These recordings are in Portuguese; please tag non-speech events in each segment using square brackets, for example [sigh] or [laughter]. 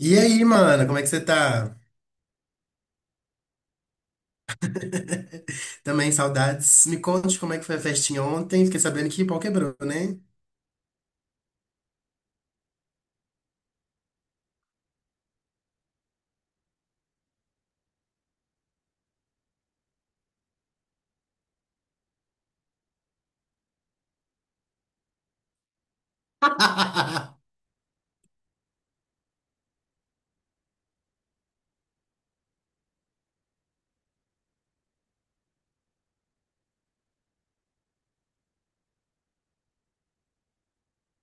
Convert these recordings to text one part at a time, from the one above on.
E aí, mano, como é que você tá? [laughs] Também saudades. Me conte como é que foi a festinha ontem. Fiquei sabendo que pau quebrou, né? [laughs]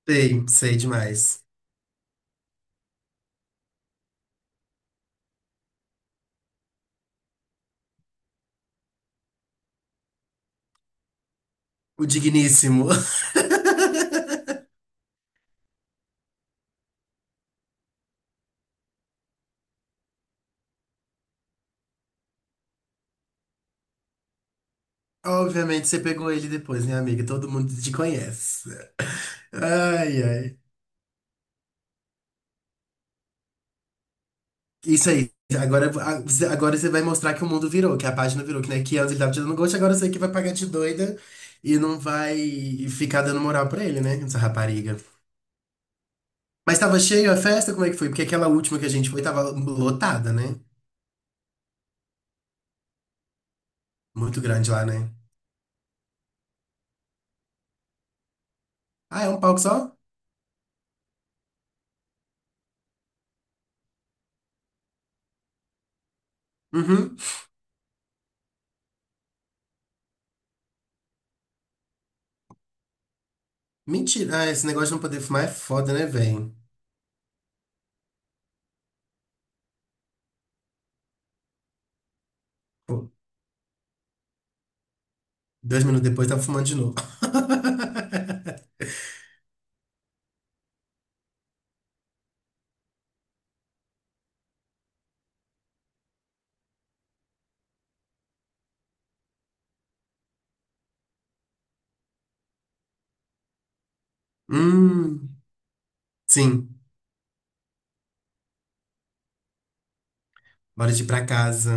Sei, sei demais. O digníssimo. [laughs] Obviamente você pegou ele depois, né, amiga? Todo mundo te conhece. Ai, ai. Isso aí. Agora, agora você vai mostrar que o mundo virou, que a página virou, que, né, que antes ele tava te dando gosto, agora você é que vai pagar de doida e não vai ficar dando moral pra ele, né? Essa rapariga. Mas tava cheio a festa? Como é que foi? Porque aquela última que a gente foi tava lotada, né? Muito grande lá, né? Ah, é um palco só? Uhum. Mentira. Ah, esse negócio de não poder fumar é foda, né, velho? Pô, 2 minutos depois tava fumando de novo. [laughs] Hum, sim. Bora de ir pra casa.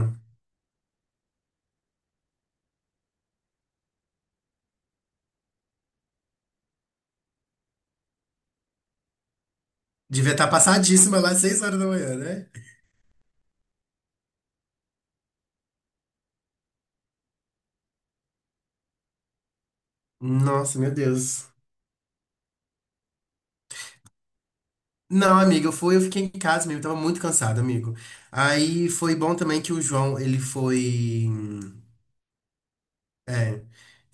Devia estar passadíssima lá às 6 horas da manhã, né? Nossa, meu Deus. Não, amiga, eu fui, eu fiquei em casa mesmo, tava muito cansado, amigo. Aí foi bom também que o João, ele foi.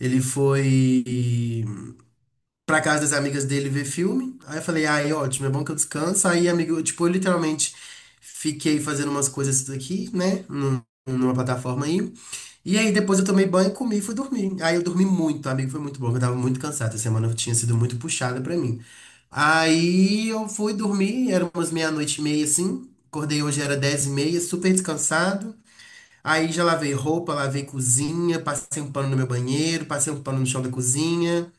Ele foi pra casa das amigas dele ver filme. Aí eu falei, ai, ótimo, é bom que eu descanso. Aí, amigo, eu, tipo, eu literalmente fiquei fazendo umas coisas aqui, né? Numa plataforma aí. E aí depois eu tomei banho, comi e fui dormir. Aí eu dormi muito, amigo, foi muito bom, porque eu tava muito cansado. Essa semana tinha sido muito puxada pra mim. Aí eu fui dormir, era umas meia-noite e meia, assim. Acordei hoje, era 10:30, super descansado. Aí já lavei roupa, lavei cozinha, passei um pano no meu banheiro, passei um pano no chão da cozinha,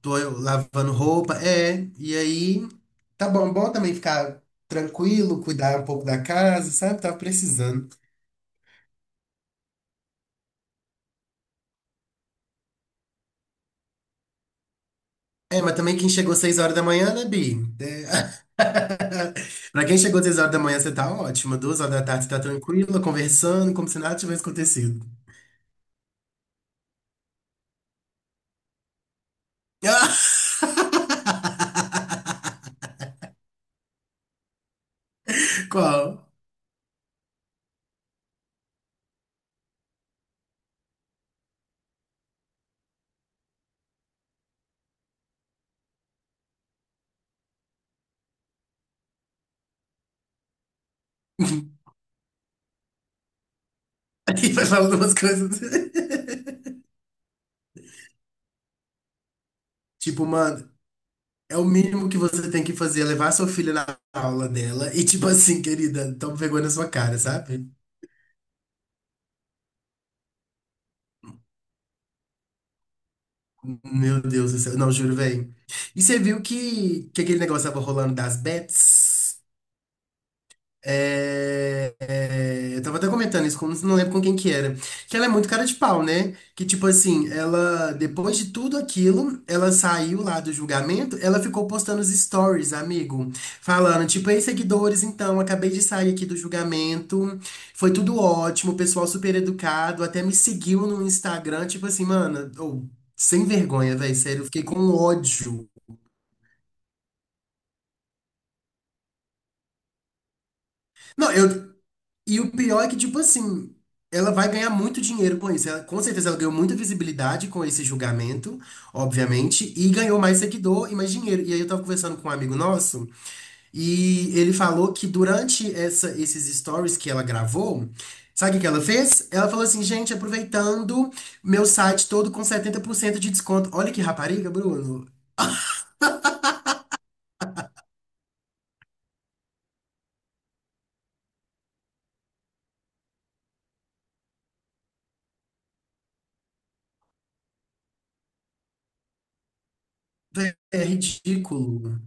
tô eu lavando roupa, é, e aí tá bom, bom também ficar tranquilo, cuidar um pouco da casa, sabe? Tava precisando. É, mas também quem chegou 6 horas da manhã, né, Bi? É. [laughs] Pra quem chegou 6 horas da manhã, você tá ótima. 2 horas da tarde, você tá tranquila, conversando, como se nada tivesse acontecido. [laughs] Qual? [laughs] Aí vai falando umas coisas. [laughs] Tipo, mano, é o mínimo que você tem que fazer, é levar sua filha na aula dela e, tipo assim, querida, toma vergonha na sua cara, sabe? Meu Deus do céu. Não, juro, velho. E você viu que aquele negócio tava rolando das bets? É, é, eu tava até comentando isso, com, não lembro com quem que era. Que ela é muito cara de pau, né? Que tipo assim, ela, depois de tudo aquilo, ela saiu lá do julgamento, ela ficou postando os stories, amigo, falando, tipo, ei, seguidores, então, acabei de sair aqui do julgamento, foi tudo ótimo, o pessoal super educado, até me seguiu no Instagram, tipo assim, mano, ou sem vergonha, velho, sério, eu fiquei com ódio. Não, eu. E o pior é que, tipo assim, ela vai ganhar muito dinheiro com isso. Com certeza ela ganhou muita visibilidade com esse julgamento, obviamente, e ganhou mais seguidor e mais dinheiro. E aí eu tava conversando com um amigo nosso, e ele falou que durante esses stories que ela gravou, sabe o que que ela fez? Ela falou assim, gente, aproveitando meu site todo com 70% de desconto. Olha que rapariga, Bruno. É ridículo.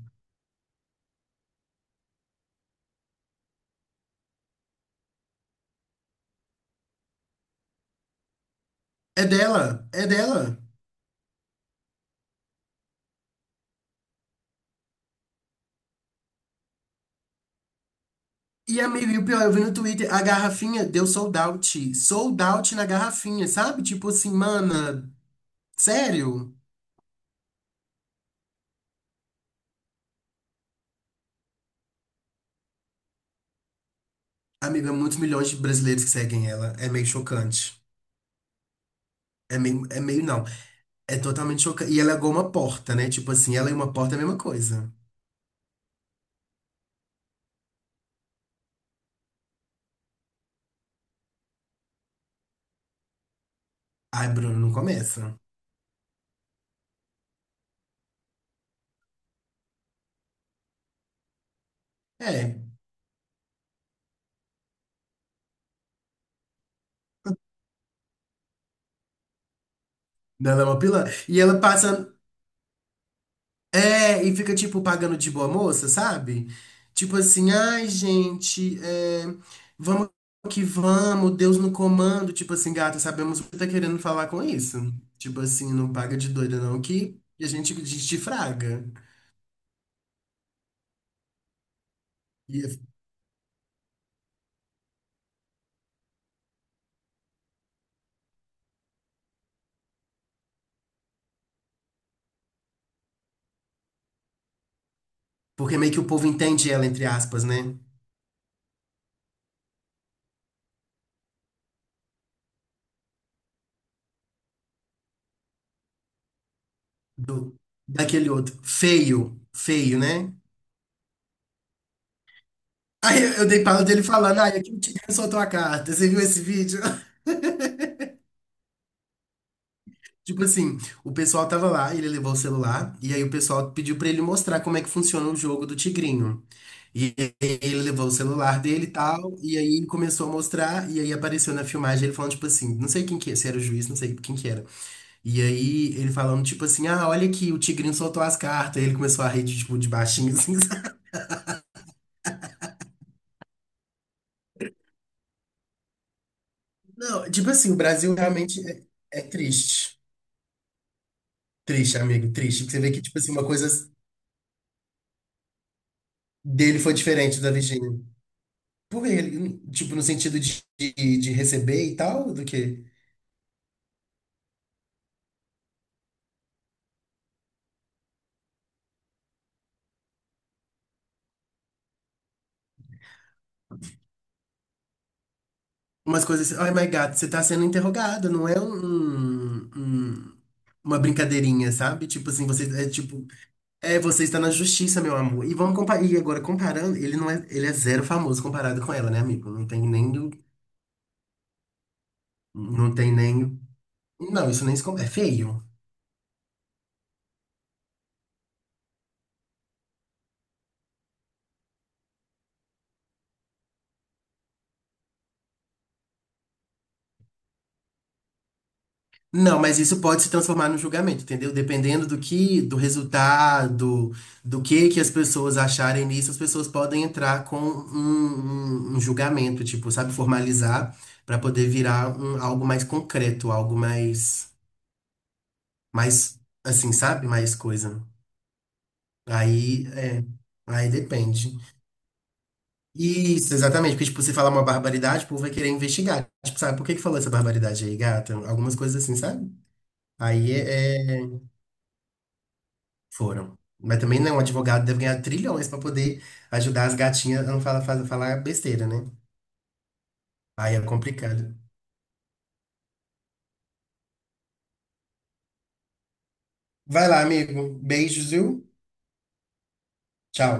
É dela, é dela. E, amigo, e o pior, eu vi no Twitter, a garrafinha deu sold out. Sold out na garrafinha, sabe? Tipo assim, mana, sério? Amiga, muitos milhões de brasileiros que seguem ela. É meio chocante. É meio não. É totalmente chocante. E ela é igual uma porta, né? Tipo assim, ela e uma porta é a mesma coisa. Ai, Bruno, não começa. É. Ela é uma pilantra. E ela passa. É, e fica tipo pagando de boa moça, sabe? Tipo assim, ai gente, é, vamos que vamos, Deus no comando. Tipo assim, gata, sabemos o que tá querendo falar com isso. Tipo assim, não paga de doida não, que a gente desfraga. E- é, Porque meio que o povo entende ela, entre aspas, né? Do, Daquele outro. Feio, feio, né? Aí eu dei pala dele falando, ai, aqui o tigre soltou a carta. Você viu esse vídeo? Tipo assim, o pessoal tava lá, ele levou o celular, e aí o pessoal pediu pra ele mostrar como é que funciona o jogo do Tigrinho. E aí ele levou o celular dele e tal, e aí ele começou a mostrar, e aí apareceu na filmagem ele falando, tipo assim, não sei quem que é, se era o juiz, não sei quem que era. E aí ele falando, tipo assim, ah, olha aqui, o Tigrinho soltou as cartas, e ele começou a rir, de, tipo, de baixinho, assim, [laughs] sabe? Não, tipo assim, o Brasil realmente é, é triste. Triste, amigo, triste. Porque você vê que, tipo assim, uma coisa dele foi diferente da Virgínia. Por ele, tipo, no sentido de receber e tal, do que umas coisas assim, oh my God, você tá sendo interrogado, não é uma brincadeirinha, sabe? Tipo assim, você é tipo, é, você está na justiça, meu amor. E vamos comparar, e agora comparando, ele não é, ele é zero famoso comparado com ela, né, amigo? Não tem nem do, não tem nem, não, isso nem se compara, é feio. Não, mas isso pode se transformar num julgamento, entendeu? Dependendo do que, do resultado, do que as pessoas acharem nisso, as pessoas podem entrar com um, um julgamento, tipo, sabe, formalizar para poder virar um- algo mais concreto, algo mais, mais, assim, sabe, mais coisa. Aí, é, aí depende. Isso, exatamente, porque, tipo, você falar uma barbaridade, o povo vai querer investigar. Tipo, sabe, por que que falou essa barbaridade aí, gata? Algumas coisas assim, sabe? Aí é. É, foram. Mas também não, um advogado deve ganhar trilhões pra poder ajudar as gatinhas a não falar, falar besteira, né? Aí é complicado. Vai lá, amigo. Beijos, viu? Tchau.